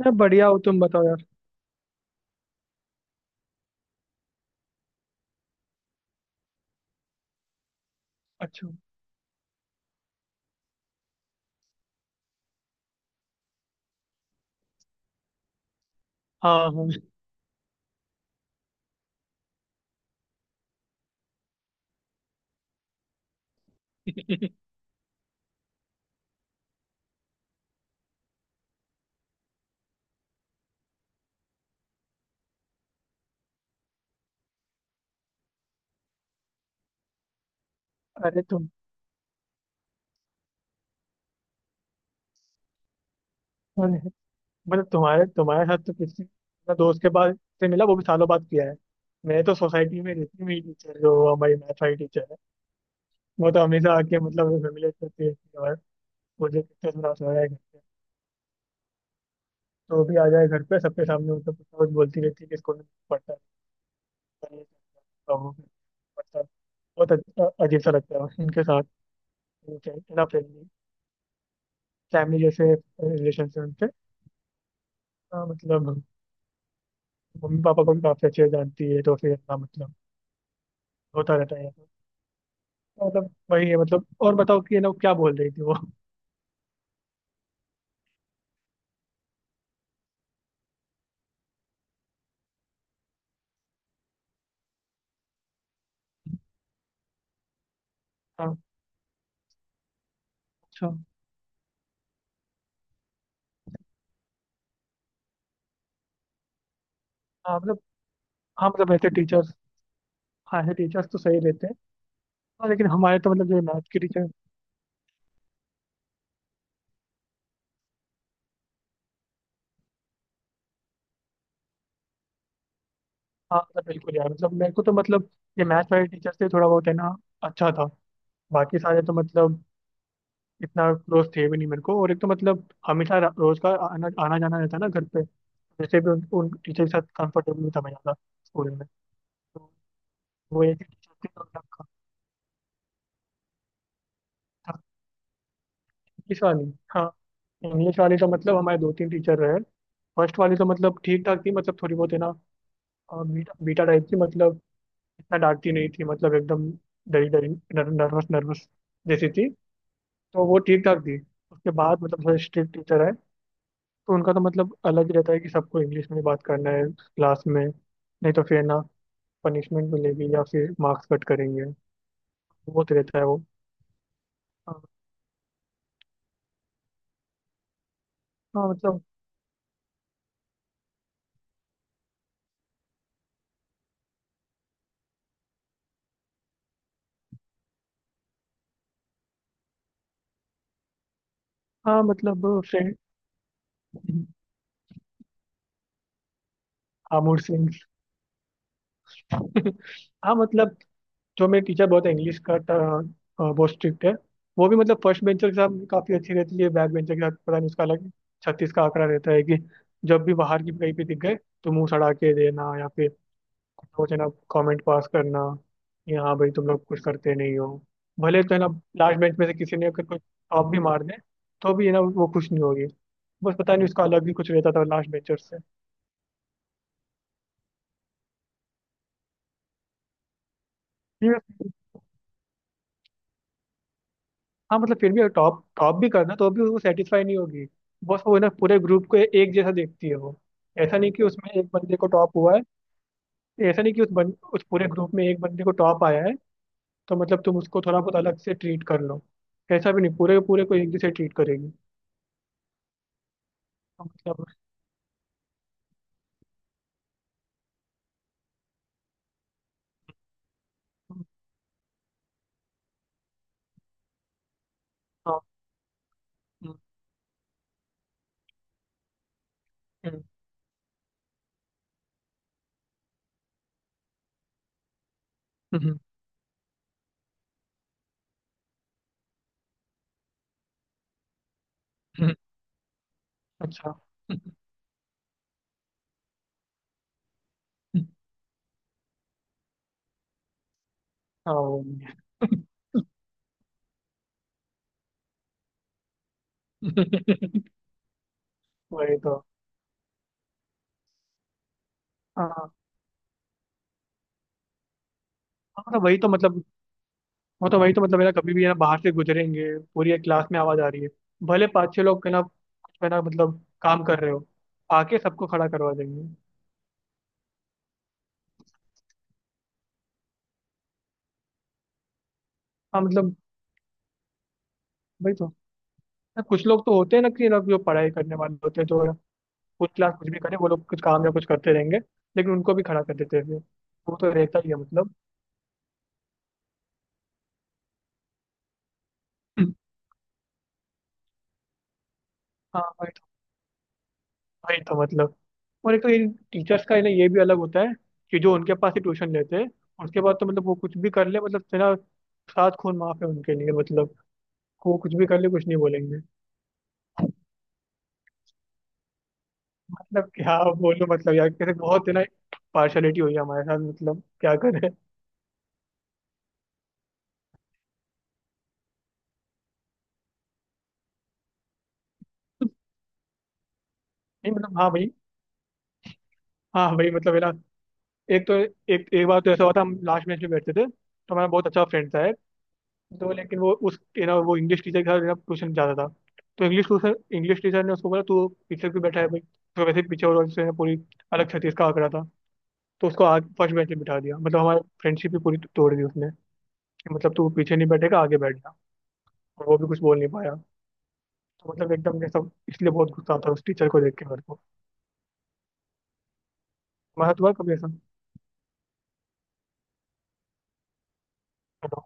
मैं बढ़िया हो तुम बताओ यार। अच्छा हो। हाँ हाँ। अरे तुम। मतलब तुम्हारे तुम्हारे साथ तो किसी मैं दोस्त के पास से मिला वो भी सालों बाद किया है। मेरे तो सोसाइटी में रहती मेरी टीचर जो हमारी मैथ वाली टीचर है। वो तो हमेशा आके मतलब फैमिली करती रहती है और मुझे कितने थोड़ा सा है घर पे तो भी आ जाए घर पे सबके सामने मतलब कुछ ना कुछ बोलती रहती है कि स्कूल में पढ़ता है, पढ़ता है, पढ़ता है, वो पढ़ता है। अजीब सा लगता है उनके साथ ना, फ्रेंडली फैमिली जैसे रिलेशन से उनसे। हाँ, मतलब मम्मी पापा को भी काफी अच्छे से जानती है तो फिर अपना मतलब होता रहता है ये सब। तो मतलब वही है मतलब। और बताओ कि ये लोग क्या बोल रही थी वो। हाँ। अच्छा। हाँ मतलब हाँ मतलब ऐसे टीचर्स, हाँ ऐसे टीचर्स तो सही रहते हैं। हाँ लेकिन हमारे तो मतलब जो मैथ के टीचर, हाँ मतलब बिल्कुल यार मतलब मेरे को तो मतलब ये मैथ वाले टीचर से थोड़ा बहुत है ना अच्छा था। बाकी सारे तो मतलब इतना क्लोज थे भी नहीं मेरे को, और एक तो मतलब हमेशा रोज का आना आना जाना रहता ना घर पे। वैसे भी उन टीचर के साथ कंफर्टेबल नहीं था मैं ज़्यादा स्कूल में। तो वो एक टीचर थे तो मतलब इंग्लिश वाली, हाँ इंग्लिश वाली तो मतलब हमारे दो तीन टीचर रहे। फर्स्ट वाली तो मतलब ठीक ठाक थी मतलब थोड़ी बहुत है ना, बीटा बीटा टाइप थी मतलब इतना डांटती नहीं थी मतलब एकदम डरी डरी, नर्वस नर्वस जैसी थी। तो वो ठीक ठाक थी। उसके बाद मतलब थोड़े स्ट्रिक्ट टीचर है तो उनका तो मतलब अलग ही रहता है कि सबको इंग्लिश में ही बात करना है क्लास में, नहीं तो फिर ना पनिशमेंट मिलेगी या फिर मार्क्स कट करेंगे। बहुत रहता है वो। हाँ। हाँ, मतलब हाँ मतलब फ्रेंड, हाँ मूड स्विंग्स। हाँ मतलब जो मेरी टीचर बहुत इंग्लिश का बहुत स्ट्रिक्ट है। वो भी मतलब फर्स्ट बेंचर के साथ काफ़ी अच्छी रहती है, बैक बेंचर के साथ पता नहीं उसका अलग छत्तीस का आंकड़ा रहता है कि जब भी बाहर की कहीं पे दिख गए तो मुंह सड़ा के देना या फिर कुछ है ना कॉमेंट पास करना कि हाँ भाई तुम लोग कुछ करते नहीं हो भले, तो है ना लास्ट बेंच में से किसी ने अगर कुछ टॉप भी मार दे तो भी है ना वो खुश नहीं होगी। बस पता नहीं उसका अलग ही कुछ रहता था लास्ट बेंचर से। हाँ मतलब फिर भी अगर टॉप टॉप भी करना तो भी वो सेटिस्फाई नहीं होगी। बस वो है ना पूरे ग्रुप को एक जैसा देखती है वो, ऐसा नहीं कि उसमें एक बंदे को टॉप हुआ है। ऐसा नहीं कि उस पूरे ग्रुप में एक बंदे को टॉप आया है तो मतलब तुम उसको थोड़ा बहुत अलग से ट्रीट कर लो, ऐसा भी नहीं पूरे पूरे को एक जैसे ट्रीट करेगी। तो मतलब हाँ। हम्म, हम्म, हम्म, हम्म, अच्छा हाँ वो भी है। वही तो। हाँ हाँ, मतलब वही तो मतलब वो तो वही तो मतलब है ना कभी भी है ना बाहर से गुजरेंगे पूरी एक क्लास में आवाज आ रही है, भले पाँच छह लोग है ना कुछ है ना मतलब काम कर रहे हो, आके सबको खड़ा करवा देंगे। हाँ मतलब वही तो, ना कुछ लोग तो होते हैं ना कि ना जो पढ़ाई करने वाले होते हैं तो कुछ क्लास कुछ भी करें वो लोग कुछ काम या कुछ करते रहेंगे, लेकिन उनको भी खड़ा कर देते हैं फिर। वो तो रहता ही है मतलब। हम्म, हाँ वही तो, वही तो मतलब और एक तो इन टीचर्स का है ना ये भी अलग होता है कि जो उनके पास ही ट्यूशन लेते हैं उसके बाद तो मतलब वो कुछ भी कर ले मतलब है ना सात खून माफ है उनके लिए मतलब को कुछ भी कर ले कुछ नहीं बोलेंगे। मतलब क्या बोलूं मतलब यार कैसे बहुत है ना पार्शलिटी हुई है हमारे साथ मतलब क्या करें। नहीं मतलब हाँ भाई, हाँ भाई मतलब है ना एक तो एक एक बार तो ऐसा हुआ था हम लास्ट बेंच में बैठते थे तो हमारा बहुत अच्छा फ्रेंड था एक। तो लेकिन वो उस है ना वो इंग्लिश टीचर के साथ है ना ट्यूशन जाता था तो इंग्लिश ट्यूशन इंग्लिश टीचर ने उसको बोला तू पीछे क्यों बैठा है भाई। तो वैसे ही पीछे और उससे है ना पूरी अलग छत्तीस का आंकड़ा था। तो उसको आगे फर्स्ट बेंच में बिठा दिया मतलब हमारी फ्रेंडशिप भी पूरी तोड़ दी उसने कि मतलब तू पीछे नहीं बैठेगा आगे बैठ जा, और वो भी कुछ बोल नहीं पाया। तो मतलब एकदम ये सब इसलिए बहुत गुस्सा आता है उस टीचर को देख के मेरे को। तुम्हारा हुआ कभी ऐसा? हेलो?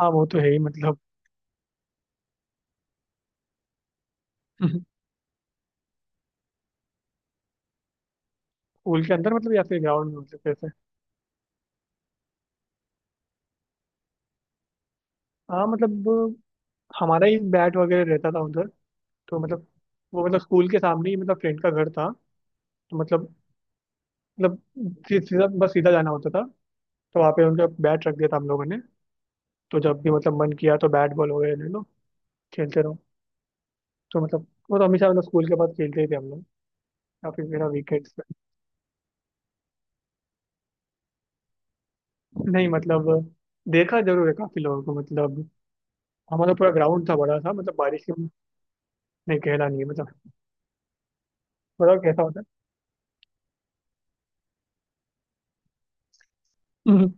हाँ वो तो है ही मतलब। स्कूल के अंदर मतलब या फिर ग्राउंड में मतलब कैसे? हाँ मतलब हमारा ही बैट वगैरह रहता था उधर। तो मतलब वो मतलब स्कूल के सामने ही मतलब फ्रेंड का घर था तो मतलब मतलब सीधा बस सीधा जाना होता था। तो वहाँ पे उनका बैट रख दिया था हम लोगों ने तो जब भी मतलब मन किया तो बैट बॉल वगैरह ले लो खेलते रहो। तो मतलब वो तो हमेशा मतलब स्कूल के बाद खेलते ही थे हम लोग, या फिर मेरा वीकेंड्स। नहीं मतलब देखा जरूर है काफी लोगों को मतलब हमारा पूरा ग्राउंड था बड़ा सा मतलब बारिश के। नहीं कहला नहीं है मतलब। बताओ कैसा होता है? हम्म,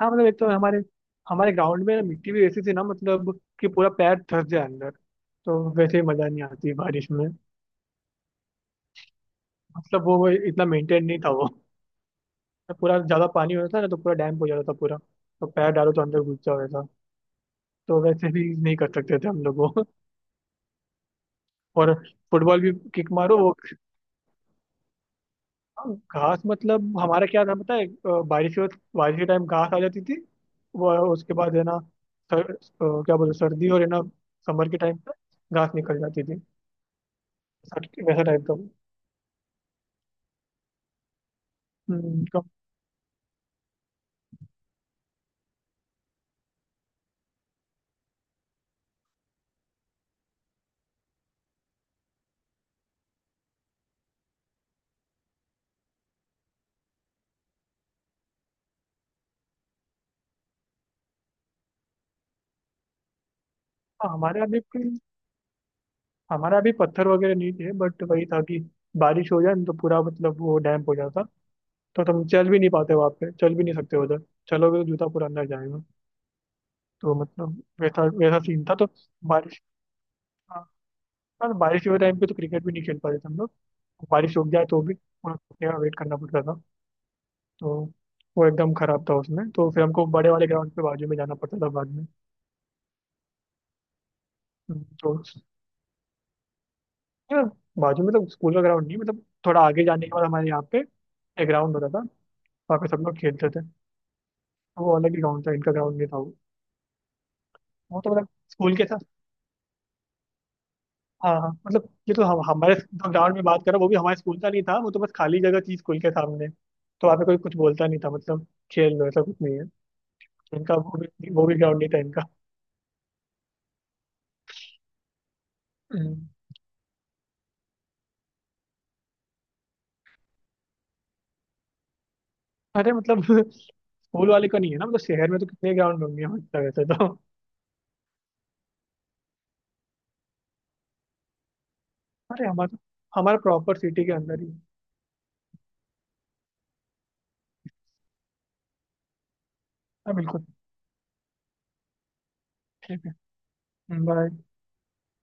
हाँ मतलब एक तो हमारे हमारे ग्राउंड में ना मिट्टी भी ऐसी थी ना मतलब कि पूरा पैर धंस जाए अंदर, तो वैसे ही मजा नहीं आती बारिश में। मतलब वो इतना मेंटेन नहीं था वो। पूरा ज्यादा पानी होता था ना तो पूरा डैम हो जाता था पूरा, तो पैर डालो तो अंदर घुस जाओ ऐसा। तो वैसे भी नहीं कर सकते थे हम लोग वो, और फुटबॉल भी किक मारो वो। हाँ, घास मतलब हमारा क्या था पता है बारिश हो, बारिश के टाइम घास आ जाती थी, वो उसके बाद है ना सर, अ, क्या बोलते हैं, सर्दी और है ना, समर के टाइम पे घास निकल जाती थी। वैसा टाइप का वो। तो हाँ, हमारे अभी भी- कोई- हमारा अभी पत्थर वगैरह नहीं थे, बट वही था कि बारिश हो जाए न तो पूरा मतलब वो डैम्प हो जाता। तो तुम चल भी नहीं पाते वहाँ पे, चल भी नहीं सकते उधर, चलोगे तो जूता पूरा अंदर जाएगा। तो मतलब वैसा वैसा सीन था तो। बारिश, हाँ हाँ, तो बारिश के टाइम पे तो क्रिकेट भी नहीं खेल पाते थे हम लोग, बारिश रुक जाए तो भी उन्हें रुकने का वेट करना पड़ता था। तो वो एकदम खराब था, उसमें तो फिर हमको बड़े वाले ग्राउंड पे बाजू में जाना पड़ता था बाद में। तो या, बाजू में मतलब स्कूल का ग्राउंड नहीं मतलब थोड़ा आगे जाने के बाद हमारे यहाँ पे एक ग्राउंड होता था, वहाँ पे सब लोग खेलते थे। तो वो अलग ही ग्राउंड था, इनका ग्राउंड नहीं था वो। वो तो मतलब स्कूल के साथ, हाँ हाँ मतलब ये तो हम हमारे जो ग्राउंड में बात कर रहा हूँ वो भी हमारे स्कूल का नहीं था, वो तो बस खाली जगह थी स्कूल के सामने, तो वहाँ पे कोई कुछ बोलता नहीं था मतलब खेल लो, ऐसा कुछ नहीं है। इनका वो भी ग्राउंड नहीं था इनका। हम्म। अरे मतलब। स्कूल वाले का नहीं है ना मतलब शहर में तो कितने ग्राउंड होंगे मतलब वैसे तो, अरे हमारा हमारा प्रॉपर सिटी के अंदर ही है। हाँ बिल्कुल। ठीक है। बाय।